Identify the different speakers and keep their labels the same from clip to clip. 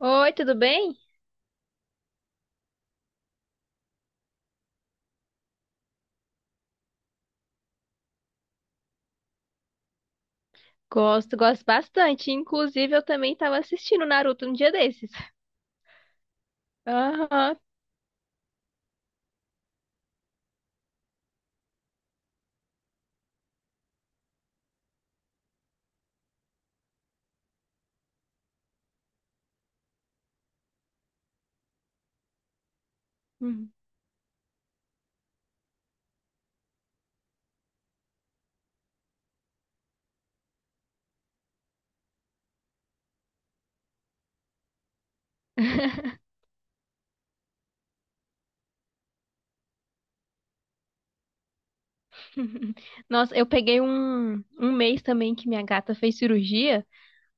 Speaker 1: Oi, tudo bem? Gosto, gosto bastante. Inclusive, eu também estava assistindo Naruto um dia desses. Aham. Hum. Nossa, eu peguei um mês também que minha gata fez cirurgia,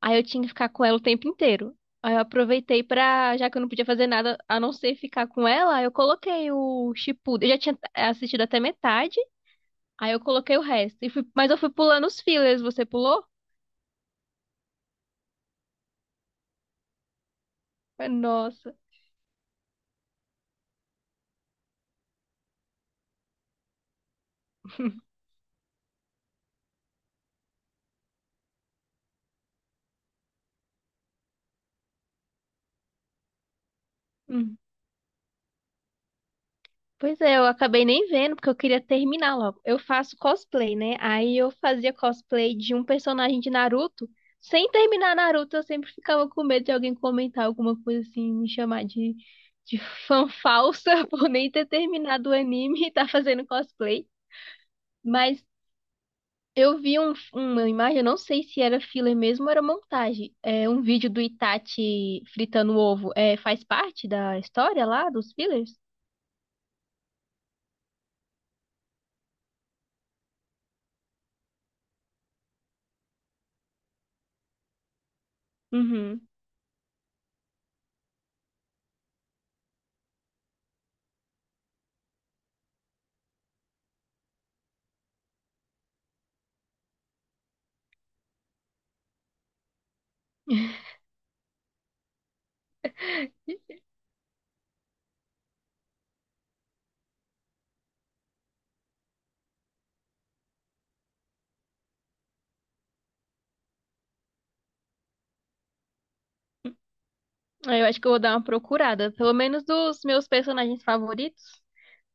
Speaker 1: aí eu tinha que ficar com ela o tempo inteiro. Aí eu aproveitei pra, já que eu não podia fazer nada a não ser ficar com ela, eu coloquei o Shippuden. Eu já tinha assistido até metade, aí eu coloquei o resto. Mas eu fui pulando os fillers, você pulou? Nossa. Pois é, eu acabei nem vendo, porque eu queria terminar logo. Eu faço cosplay, né? Aí eu fazia cosplay de um personagem de Naruto. Sem terminar Naruto, eu sempre ficava com medo de alguém comentar alguma coisa assim, me chamar de fã falsa por nem ter terminado o anime e tá fazendo cosplay. Mas eu vi uma imagem, eu não sei se era filler mesmo ou era montagem. É um vídeo do Itachi fritando ovo. É, faz parte da história lá, dos fillers? Uhum. Ah, eu acho que eu vou dar uma procurada, pelo menos dos meus personagens favoritos.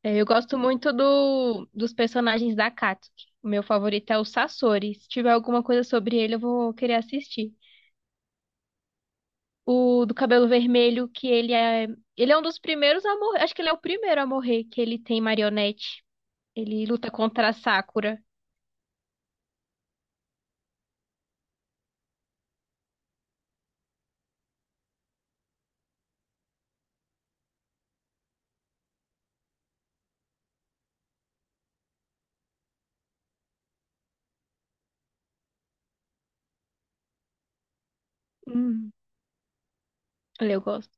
Speaker 1: É, eu gosto muito dos personagens da Katsuki. O meu favorito é o Sasori. Se tiver alguma coisa sobre ele, eu vou querer assistir. O do cabelo vermelho, que ele é. Ele é um dos primeiros a morrer. Acho que ele é o primeiro a morrer, que ele tem marionete. Ele luta contra a Sakura. Hum, ele eu gosto.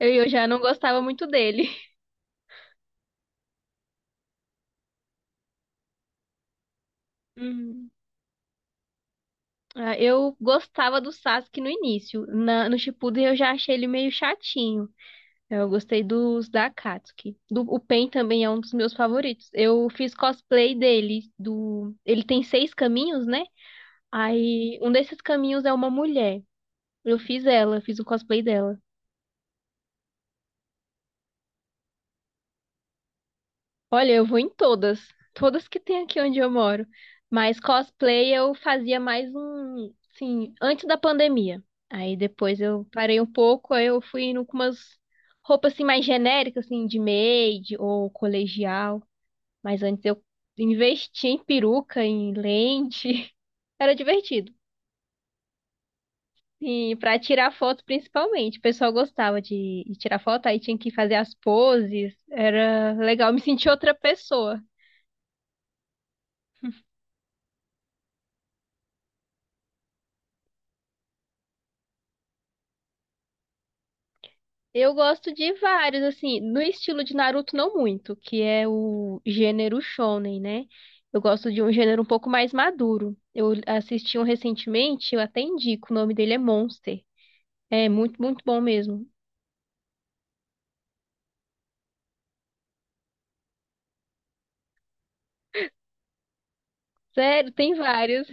Speaker 1: Eu já não gostava muito dele. Hum. Ah, eu gostava do Sasuke no início. No Shippuden eu já achei ele meio chatinho. Eu gostei dos da Akatsuki. Do, o Pen também é um dos meus favoritos. Eu fiz cosplay dele. Do, ele tem seis caminhos, né? Aí um desses caminhos é uma mulher. Eu fiz ela, fiz o cosplay dela. Olha, eu vou em todas. Todas que tem aqui onde eu moro. Mas cosplay eu fazia mais um, sim, antes da pandemia. Aí depois eu parei um pouco, aí eu fui indo com umas roupas assim mais genéricas, assim, de maid ou colegial. Mas antes eu investi em peruca, em lente. Era divertido. E para tirar foto, principalmente. O pessoal gostava de tirar foto, aí tinha que fazer as poses. Era legal, me senti outra pessoa. Eu gosto de vários, assim, no estilo de Naruto, não muito, que é o gênero shonen, né? Eu gosto de um gênero um pouco mais maduro. Eu assisti um recentemente, eu até indico, o nome dele é Monster. É muito, muito bom mesmo. Sério, tem vários.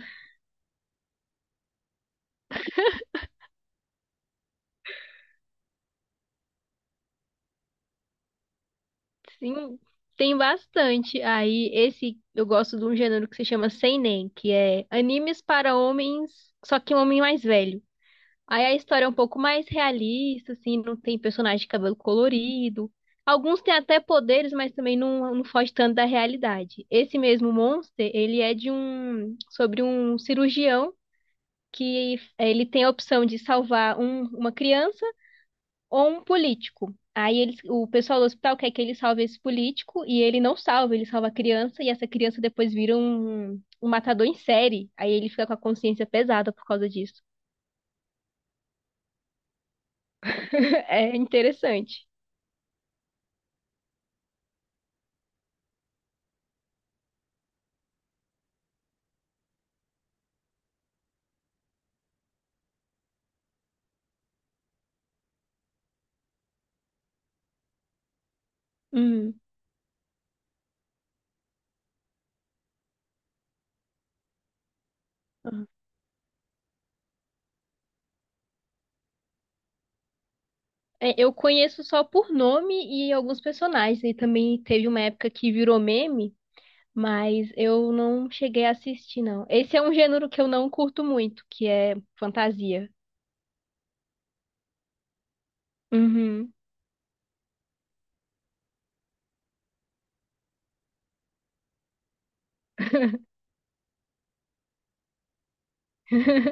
Speaker 1: Sim, tem bastante. Aí, esse eu gosto de um gênero que se chama seinen, que é animes para homens, só que um homem mais velho. Aí a história é um pouco mais realista, assim, não tem personagem de cabelo colorido. Alguns têm até poderes, mas também não, não foge tanto da realidade. Esse mesmo Monster, ele é de um, sobre um cirurgião que ele tem a opção de salvar uma criança ou um político. Aí eles, o pessoal do hospital quer que ele salve esse político e ele não salva, ele salva a criança e essa criança depois vira um, um matador em série. Aí ele fica com a consciência pesada por causa disso. É interessante. Hum. É, eu conheço só por nome e alguns personagens. E também teve uma época que virou meme, mas eu não cheguei a assistir, não. Esse é um gênero que eu não curto muito, que é fantasia. Uhum.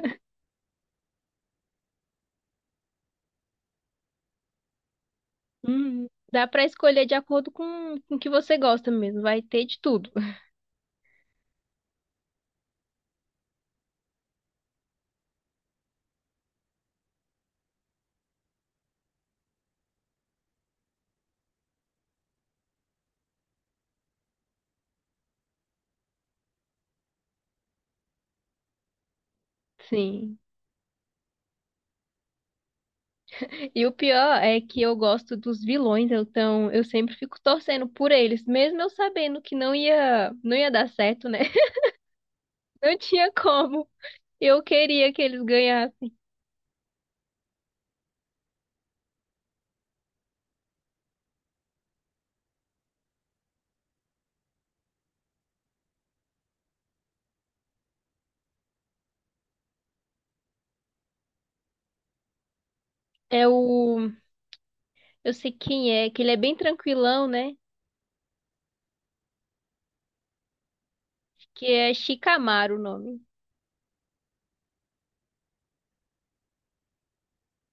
Speaker 1: Dá pra escolher de acordo com o que você gosta mesmo, vai ter de tudo. Sim. E o pior é que eu gosto dos vilões, então eu sempre fico torcendo por eles, mesmo eu sabendo que não ia dar certo, né? Não tinha como. Eu queria que eles ganhassem. É o eu sei quem é, que ele é bem tranquilão, né? Que é Shikamaru o nome.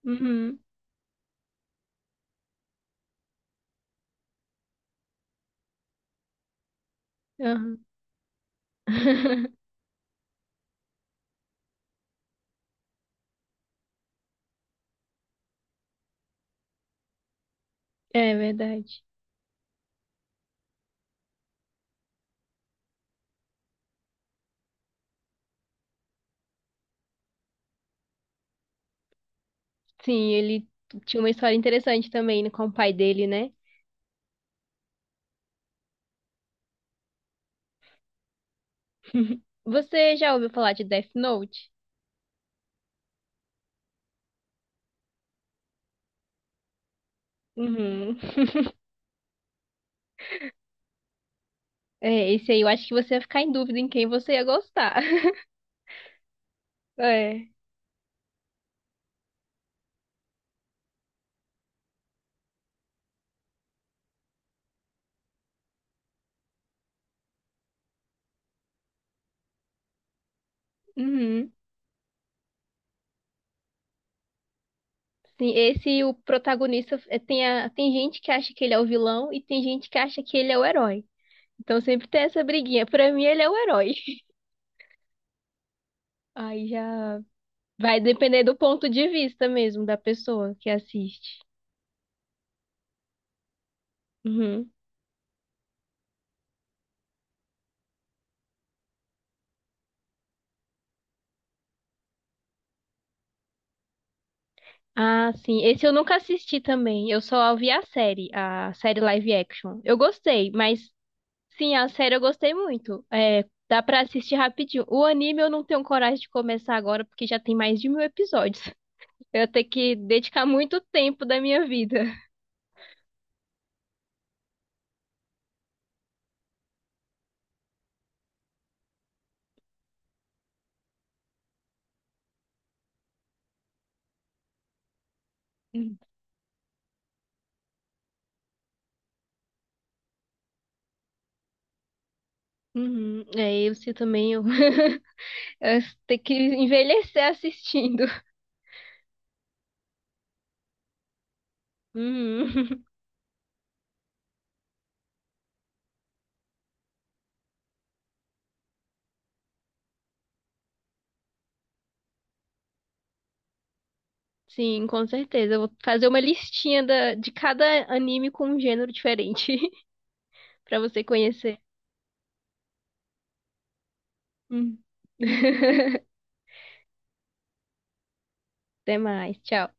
Speaker 1: Uhum. Aham. É verdade. Sim, ele tinha uma história interessante também, né, com o pai dele, né? Você já ouviu falar de Death Note? Uhum. É, esse aí eu acho que você ia ficar em dúvida em quem você ia gostar. É. Uhum. Sim, esse o protagonista é, tem, a, tem gente que acha que ele é o vilão e tem gente que acha que ele é o herói. Então sempre tem essa briguinha. Pra mim, ele é o herói. Aí já vai depender do ponto de vista mesmo da pessoa que assiste. Uhum. Ah, sim. Esse eu nunca assisti também. Eu só vi a série live action. Eu gostei, mas sim, a série eu gostei muito. É, dá pra assistir rapidinho. O anime eu não tenho coragem de começar agora, porque já tem mais de mil episódios. Eu ia ter que dedicar muito tempo da minha vida. Uhum, é, eu se também eu, eu ter que envelhecer assistindo. Uhum. Sim, com certeza. Eu vou fazer uma listinha de cada anime com um gênero diferente pra você conhecer. Hum. Até mais, tchau.